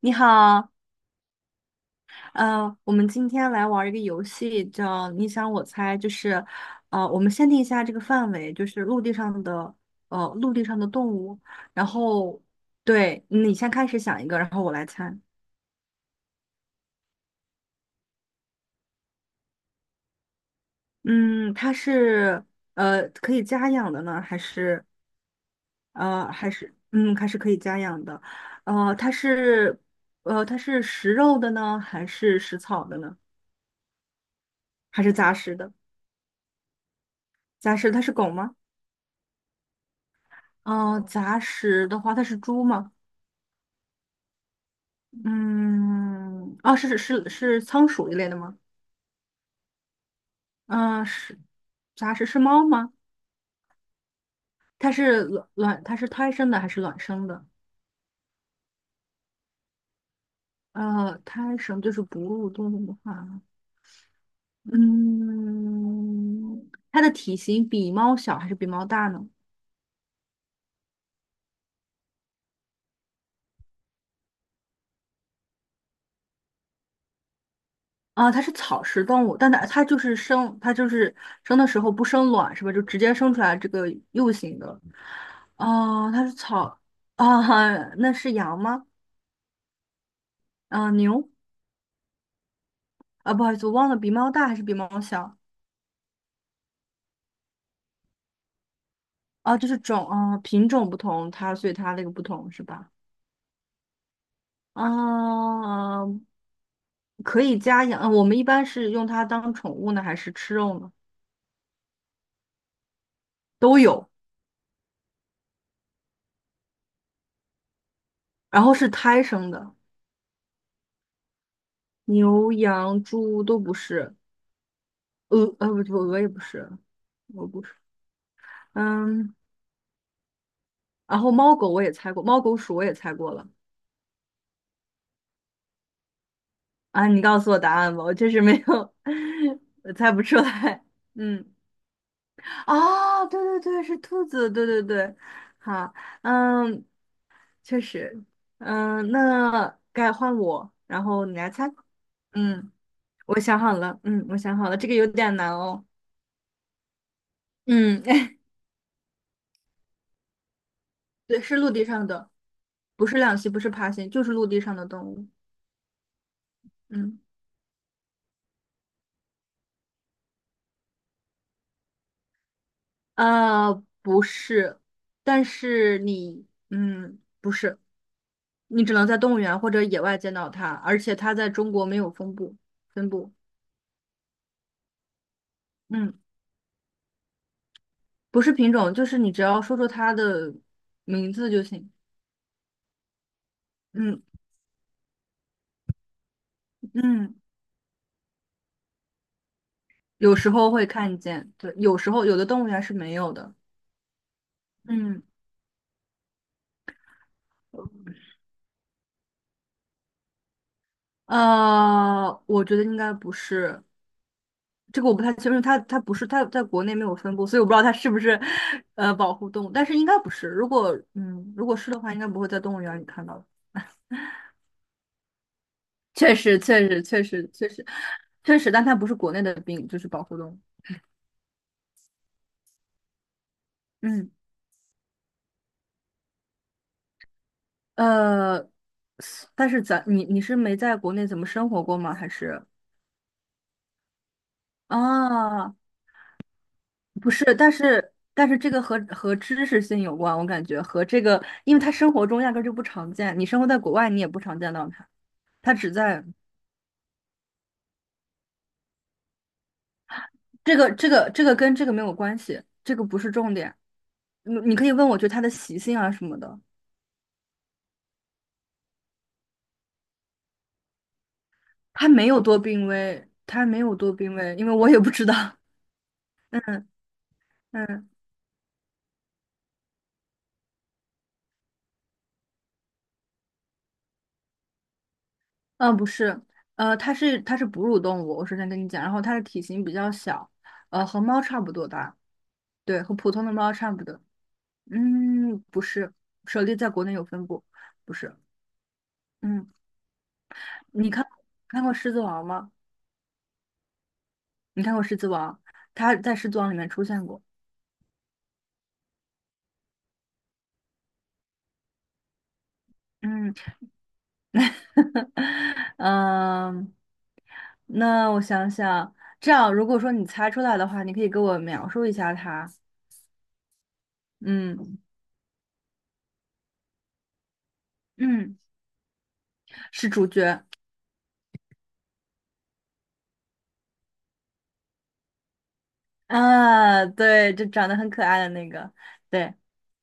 你好。我们今天来玩儿一个游戏，叫你想我猜。我们限定一下这个范围，就是陆地上的，陆地上的动物。然后，对，你先开始想一个，然后我来猜。嗯，它是，可以家养的呢，还是可以家养的。呃，它是，它是食肉的呢，还是食草的呢？还是杂食的？杂食，它是狗吗？杂食的话，它是猪吗？嗯，啊，是仓鼠一类的吗？嗯、是杂食是猫吗？它是胎生的还是卵生的？呃，胎生就是哺乳动物的话，嗯，它的体型比猫小还是比猫大呢？啊，它是草食动物，但它就是生，它就是生的时候不生卵是吧？就直接生出来这个幼型的。哦，它是草啊，那是羊吗？啊，牛啊，不好意思，我忘了比猫大还是比猫小。啊？就是种啊，品种不同，它所以它那个不同是吧？啊，可以家养。呃我们一般是用它当宠物呢，还是吃肉呢？都有，然后是胎生的。牛、羊、猪都不是。呃，呃不不鹅也不是。不是。嗯，然后猫狗我也猜过，猫狗鼠我也猜过了。啊，你告诉我答案吧，我确实没有，我猜不出来。嗯，哦，对对对，是兔子，对对对。好。嗯，确实。嗯，那该换我，然后你来猜。嗯，我想好了，嗯，我想好了，这个有点难哦。嗯，对，是陆地上的。不是两栖，不是爬行，就是陆地上的动物。嗯。呃，不是。但是你，嗯，不是，你只能在动物园或者野外见到它，而且它在中国没有分布，分布。嗯，不是品种，就是你只要说出它的名字就行。嗯，嗯有时候会看见，对，有时候有的动物园是没有的。嗯，呃，我觉得应该不是，这个我不太清楚。它它不是它在国内没有分布，所以我不知道它是不是呃保护动物，但是应该不是。如果如果是的话，应该不会在动物园里看到的。确实，确实，确实，确实，确实，但它不是国内的病，就是保护动物。嗯，呃，但是你你是没在国内怎么生活过吗？还是啊，不是。但是这个和知识性有关，我感觉和这个，因为它生活中压根儿就不常见，你生活在国外你也不常见到它，它只在。这个跟这个没有关系，这个不是重点。你可以问我，就它的习性啊什么的。它没有多濒危，它没有多濒危，因为我也不知道。嗯嗯嗯，不是。呃，它是哺乳动物，我首先跟你讲，然后它的体型比较小，呃，和猫差不多大，对，和普通的猫差不多。嗯，不是，舍利在国内有分布，不是。嗯，你看看过《狮子王》吗？你看过《狮子王》？它在《狮子王》里面出现过。嗯。嗯，那我想想，这样如果说你猜出来的话，你可以给我描述一下它。嗯嗯，是主角。啊，对，就长得很可爱的那个，对，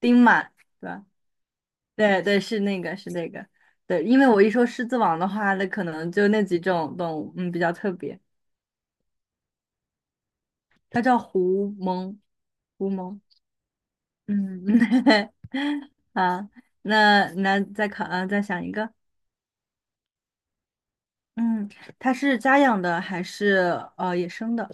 丁满，对吧？对对，是那个，是那个，对，因为我一说狮子王的话，那可能就那几种动物，嗯，比较特别。它叫狐獴，狐獴。嗯，啊，那那再考，啊，再想一个。嗯，它是家养的还是呃野生的？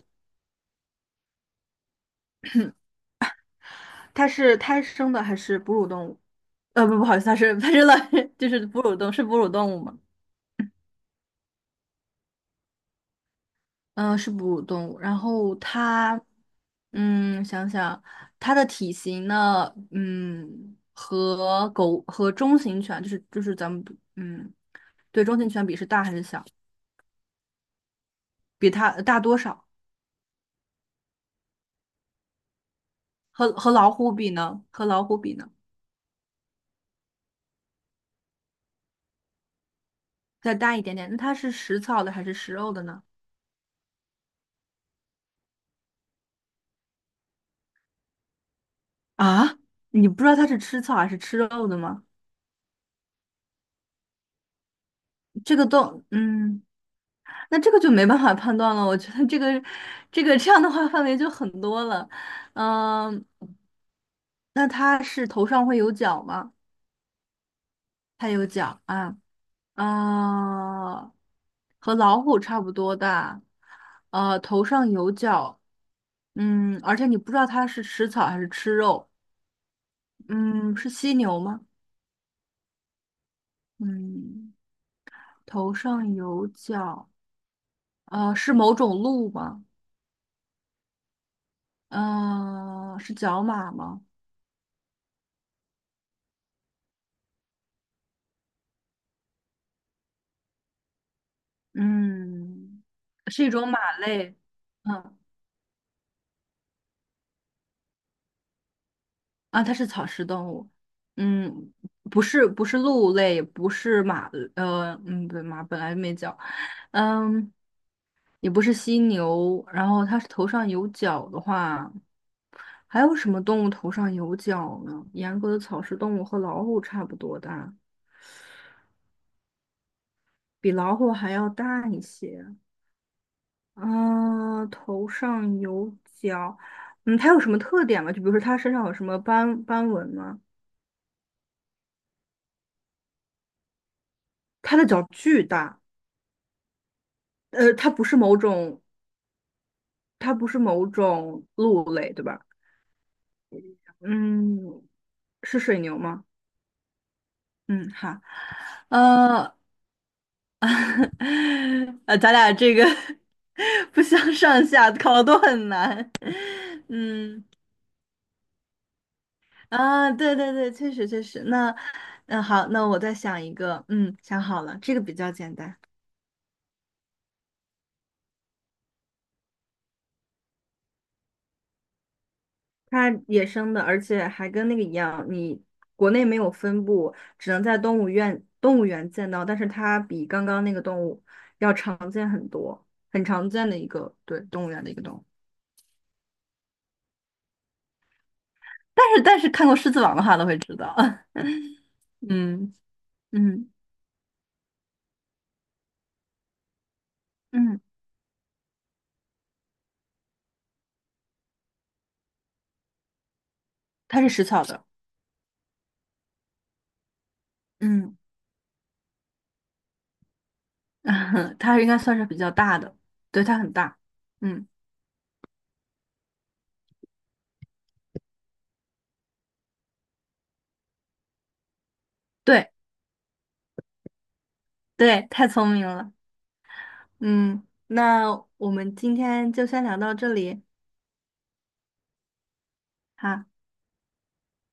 它是胎生的还是哺乳动物？呃，不，不好意思，它是老 就是哺乳动物吗？是哺乳动物。然后它，嗯，想想它的体型呢，嗯，和狗和中型犬就是咱们嗯，对中型犬比是大还是小？比它大多少？和老虎比呢？再大一点点。那它是食草的还是食肉的呢？啊，你不知道它是吃草还是吃肉的吗？这个都，嗯，那这个就没办法判断了。我觉得这个，这个这样的话范围就很多了。嗯，那它是头上会有角吗？它有角啊，啊，和老虎差不多大，呃，头上有角，嗯，而且你不知道它是吃草还是吃肉。嗯，是犀牛吗？嗯，头上有角。呃，是某种鹿吗？呃，是角马吗？嗯，是一种马类。嗯，啊，它是草食动物。嗯，不是，不是鹿类，也不是马，呃，嗯，对，马本来没角。嗯，也不是犀牛。然后它是头上有角的话，还有什么动物头上有角呢？严格的草食动物和老虎差不多大，比老虎还要大一些。啊，头上有角。嗯，它有什么特点吗？就比如说它身上有什么斑纹吗？它的脚巨大。呃，它不是某种，它不是某种鹿类，对吧？嗯，是水牛吗？嗯，好，呃，呃，咱俩这个 不相上下，考的都很难。嗯，啊，对对对，确实确实。那，嗯，好，那我再想一个，嗯，想好了，这个比较简单。它野生的，而且还跟那个一样，你国内没有分布，只能在动物园见到，但是它比刚刚那个动物要常见很多，很常见的一个，对，动物园的一个动物。但是看过《狮子王》的话都会知道。嗯，嗯嗯，它是食草的。嗯，它应该算是比较大的，对，它很大。嗯，对对，太聪明了。嗯，那我们今天就先聊到这里。好。